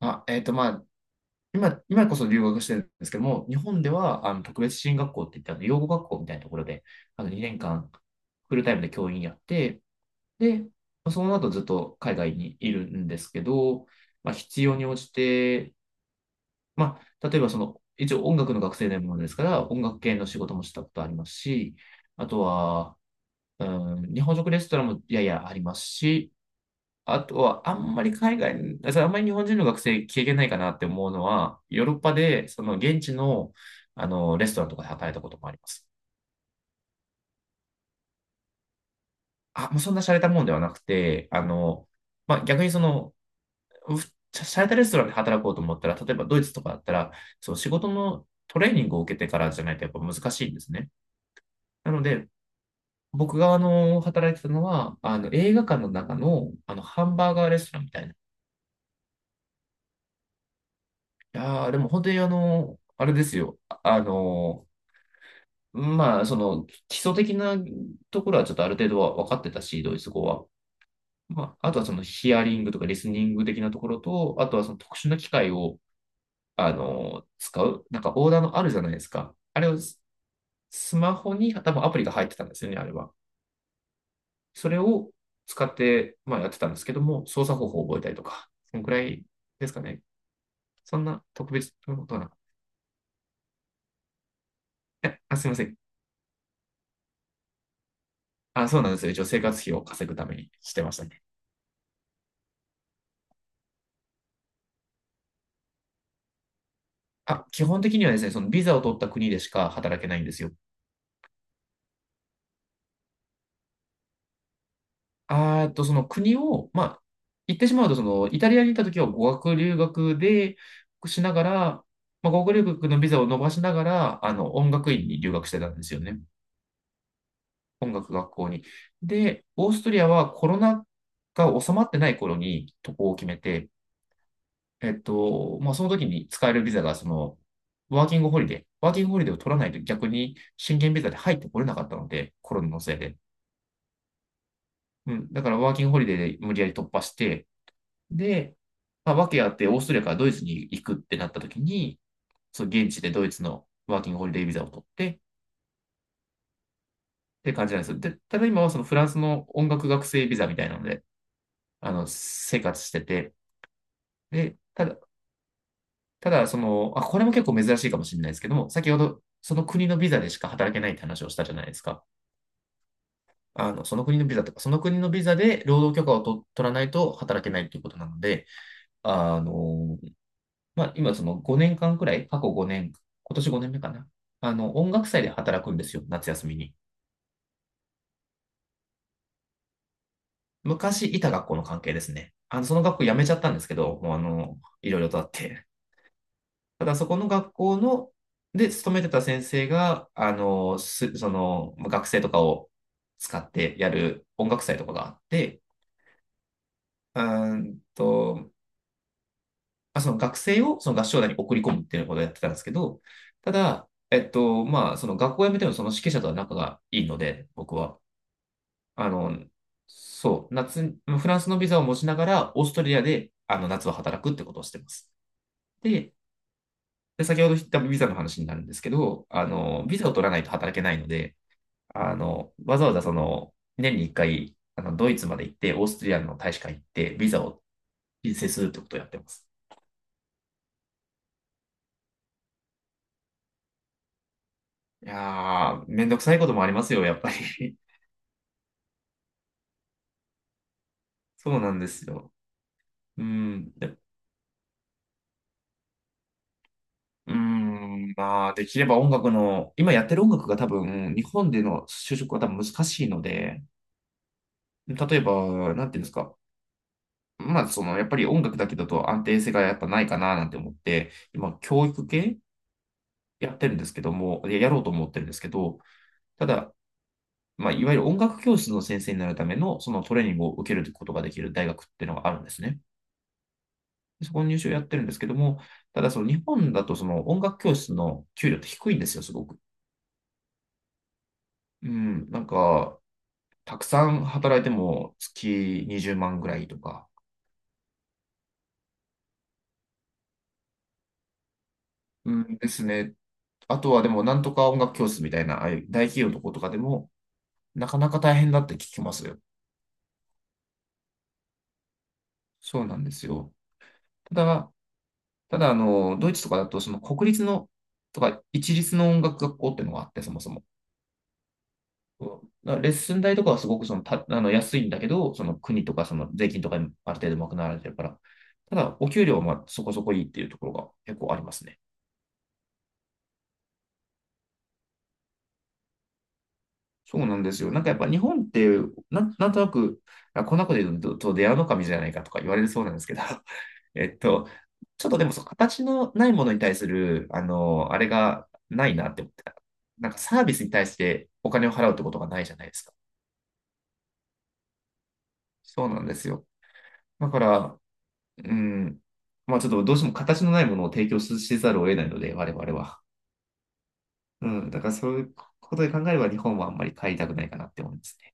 あ、えっと、まあ、今こそ留学してるんですけども、日本では、特別支援学校って言って、養護学校みたいなところで、2年間、フルタイムで教員やって、で、その後ずっと海外にいるんですけど、まあ、必要に応じて、まあ、例えばその、一応音楽の学生でものですから、音楽系の仕事もしたことありますし、あとは、う日本食レストランもややありますし、あとは、あんまり海外、それあんまり日本人の学生経験ないかなって思うのは、ヨーロッパで、その現地の、レストランとかで働いたこともあります。あ、もうそんな洒落たもんではなくて、まあ、逆にその、う洒落たレストランで働こうと思ったら、例えばドイツとかだったら、そう、仕事のトレーニングを受けてからじゃないとやっぱ難しいんですね。なので、僕が働いてたのは、映画館の中の、ハンバーガーレストランみたいな。いやー、でも本当にあれですよ。まあ、その基礎的なところはちょっとある程度は分かってたし、ドイツ語は。まあ、あとはそのヒアリングとかリスニング的なところと、あとはその特殊な機械を、使う。なんかオーダーのあるじゃないですか。あれをスマホに多分アプリが入ってたんですよね、あれは。それを使って、まあやってたんですけども、操作方法を覚えたりとか、そのくらいですかね。そんな特別なことはなかった。あ、すいません。あ、そうなんですよ。一応生活費を稼ぐためにしてましたね。あ、基本的にはですね、そのビザを取った国でしか働けないんですよ。あーっと、その国を、まあ、言ってしまうと、その、イタリアに行った時は語学留学で、しながら、まあ、語学留学のビザを伸ばしながら、音楽院に留学してたんですよね。音楽学校に。で、オーストリアはコロナが収まってない頃に渡航を決めて、まあ、その時に使えるビザが、その、ワーキングホリデーを取らないと逆に、宣言ビザで入ってこれなかったので、コロナのせいで。うん。だからワーキングホリデーで無理やり突破して、で、まあ、訳あってオーストラリアからドイツに行くってなった時に、その現地でドイツのワーキングホリデービザを取ってって感じなんですよ。で、ただ今はそのフランスの音楽学生ビザみたいなので、生活してて、で、ただ、ただその、あ、これも結構珍しいかもしれないですけども、先ほどその国のビザでしか働けないって話をしたじゃないですか。その国のビザとか、その国のビザで労働許可を取らないと働けないということなので、あの、まあ、今その5年間くらい、過去5年、今年5年目かな。音楽祭で働くんですよ、夏休みに。昔いた学校の関係ですね。その学校辞めちゃったんですけど、もういろいろとあって。ただそこの学校の、で、勤めてた先生が、その、学生とかを使ってやる音楽祭とかがあって、うんと、あ、その学生をその合唱団に送り込むっていうことをやってたんですけど、ただ、まあ、その学校を辞めてもその指揮者とは仲がいいので、僕は。あの、そう、フランスのビザを持ちながら、オーストラリアで、夏は働くってことをしてます。で、で先ほど言ったビザの話になるんですけど、ビザを取らないと働けないので、わざわざその、年に1回、ドイツまで行って、オーストラリアの大使館行って、ビザを申請するってことをやってます。いやー、めんどくさいこともありますよ、やっぱり。そうなんですよ。うん。でうん。まあ、できれば音楽の、今やってる音楽が多分、日本での就職は多分難しいので、例えば、なんていうんですか。まあ、その、やっぱり音楽だけだと安定性がやっぱないかななんて思って、今、教育系やってるんですけども、やろうと思ってるんですけど、ただ、まあ、いわゆる音楽教室の先生になるための、そのトレーニングを受けることができる大学っていうのがあるんですね。そこの入試をやってるんですけども、ただその日本だとその音楽教室の給料って低いんですよ、すごく。うん、なんか、たくさん働いても月20万ぐらいとか。うんですね。あとはでも、なんとか音楽教室みたいな、ああいう大企業のとことかでも、なかなか大変だって聞きますよ。そうなんですよ。ただ、ただ、ドイツとかだと、その国立の、とか、一律の音楽学校っていうのがあって、そもそも。そうだからレッスン代とかはすごくそのた、あの安いんだけど、その国とかその税金とかにある程度賄われてるから、ただお給料はまあそこそこいいっていうところが結構ありますね。そうなんですよ。なんかやっぱ日本って、なんとなく、あ、こんなこと言うと、と出会うの神じゃないかとか言われるそうなんですけど、えっと、ちょっとでもそう形のないものに対する、あれがないなって思ってた。なんかサービスに対してお金を払うってことがないじゃないですか。そうなんですよ。だから、うん。まあちょっとどうしても形のないものを提供せざるを得ないので、我々は。うん。だからそういうことで考えれば日本はあんまり帰りたくないかなって思いますね。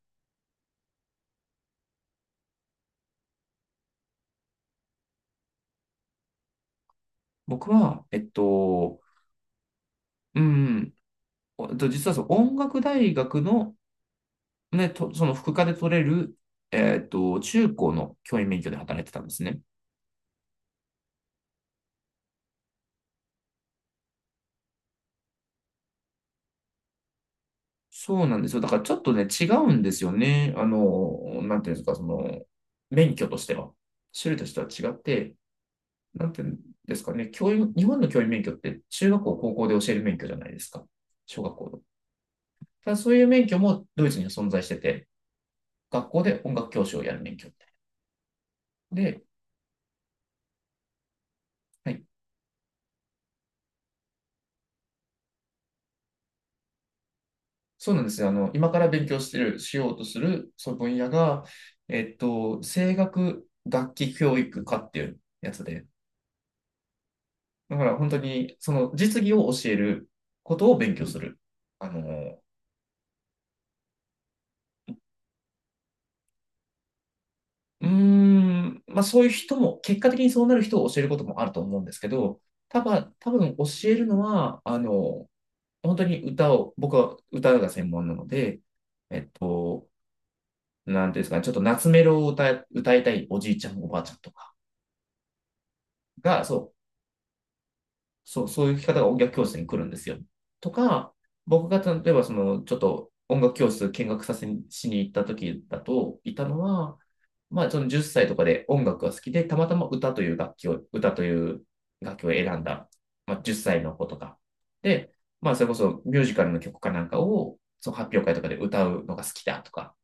僕は、うん。えっと実はその音楽大学の、その副科で取れる、中高の教員免許で働いてたんですね。そうなんですよ。だからちょっとね、違うんですよね。なんていうんですか、その、免許としては。種類としては違って、なんていうんですかね、教員、日本の教員免許って中学校、高校で教える免許じゃないですか。小学校の。ただそういう免許もドイツには存在してて、学校で音楽教師をやる免許みたいな。で、はい。そうなんですよ。今から勉強してる、しようとする、その分野が、声楽楽器教育科っていうやつで、だから本当に、その実技を教えることを勉強する、あの、うーん、まあそういう人も、結果的にそうなる人を教えることもあると思うんですけど、多分教えるのは、本当に歌を、僕は歌が専門なので、えっと、なんていうんですかね、ちょっと夏メロを歌いたいおじいちゃん、おばあちゃんとかが、そういう聞き方が音楽教室に来るんですよ。とか、僕が例えばその、ちょっと音楽教室見学させにしに行った時だと、いたのは、まあ、その10歳とかで音楽が好きで、たまたま歌という楽器を選んだ、まあ、10歳の子とか。で、まあ、それこそミュージカルの曲かなんかを、その発表会とかで歌うのが好きだとか、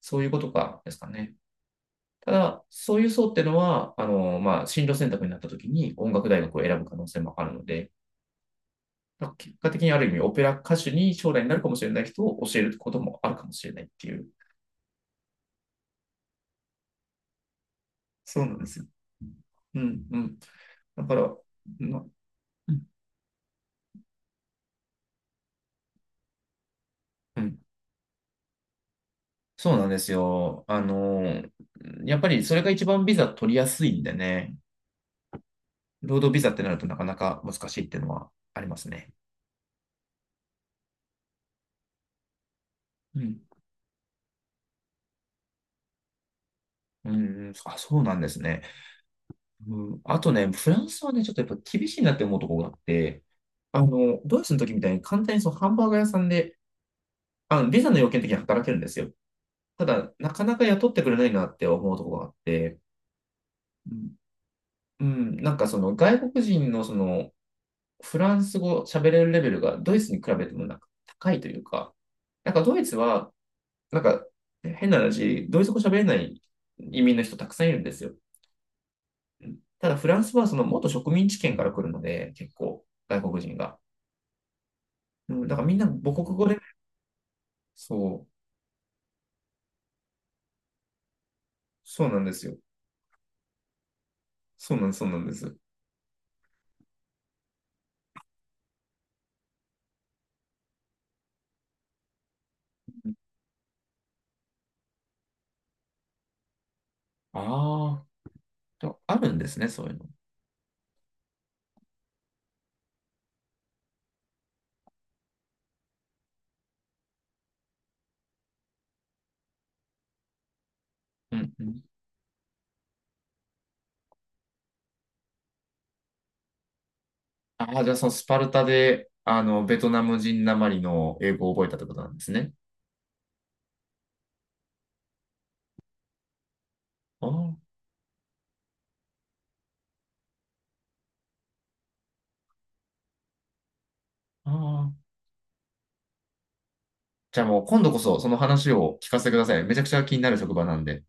そういうことかですかね。ただ、そういう層っていうのは、まあ、進路選択になった時に音楽大学を選ぶ可能性もあるので、だから結果的にある意味オペラ歌手に将来になるかもしれない人を教えることもあるかもしれないっていう。そうなんですよ。うんうん。だから、なうんうんそうなんですよ。やっぱりそれが一番ビザ取りやすいんでね、労働ビザってなるとなかなか難しいっていうのはありますね。うん。うん、あ、そうなんですね。うん、あとね、フランスはね、ちょっとやっぱ厳しいなって思うところがあって、ドイツの時みたいに簡単にそのハンバーガー屋さんで、ビザの要件的に働けるんですよ。ただ、なかなか雇ってくれないなって思うところがあって、うん、なんかその外国人のそのフランス語喋れるレベルがドイツに比べてもなんか高いというか、なんかドイツは、なんか変な話、ドイツ語喋れない移民の人たくさんいるんですよ。うんただフランスはその元植民地圏から来るので、結構外国人が。うん、だからみんな母国語で、そう、そうなんですよ。そうなんです。ああるんですね、そういうの。うんうんああ、じゃあそのスパルタで、ベトナム人なまりの英語を覚えたってことなんですね。ああ、ああ。じゃあもう今度こそその話を聞かせてくださいね。めちゃくちゃ気になる職場なんで。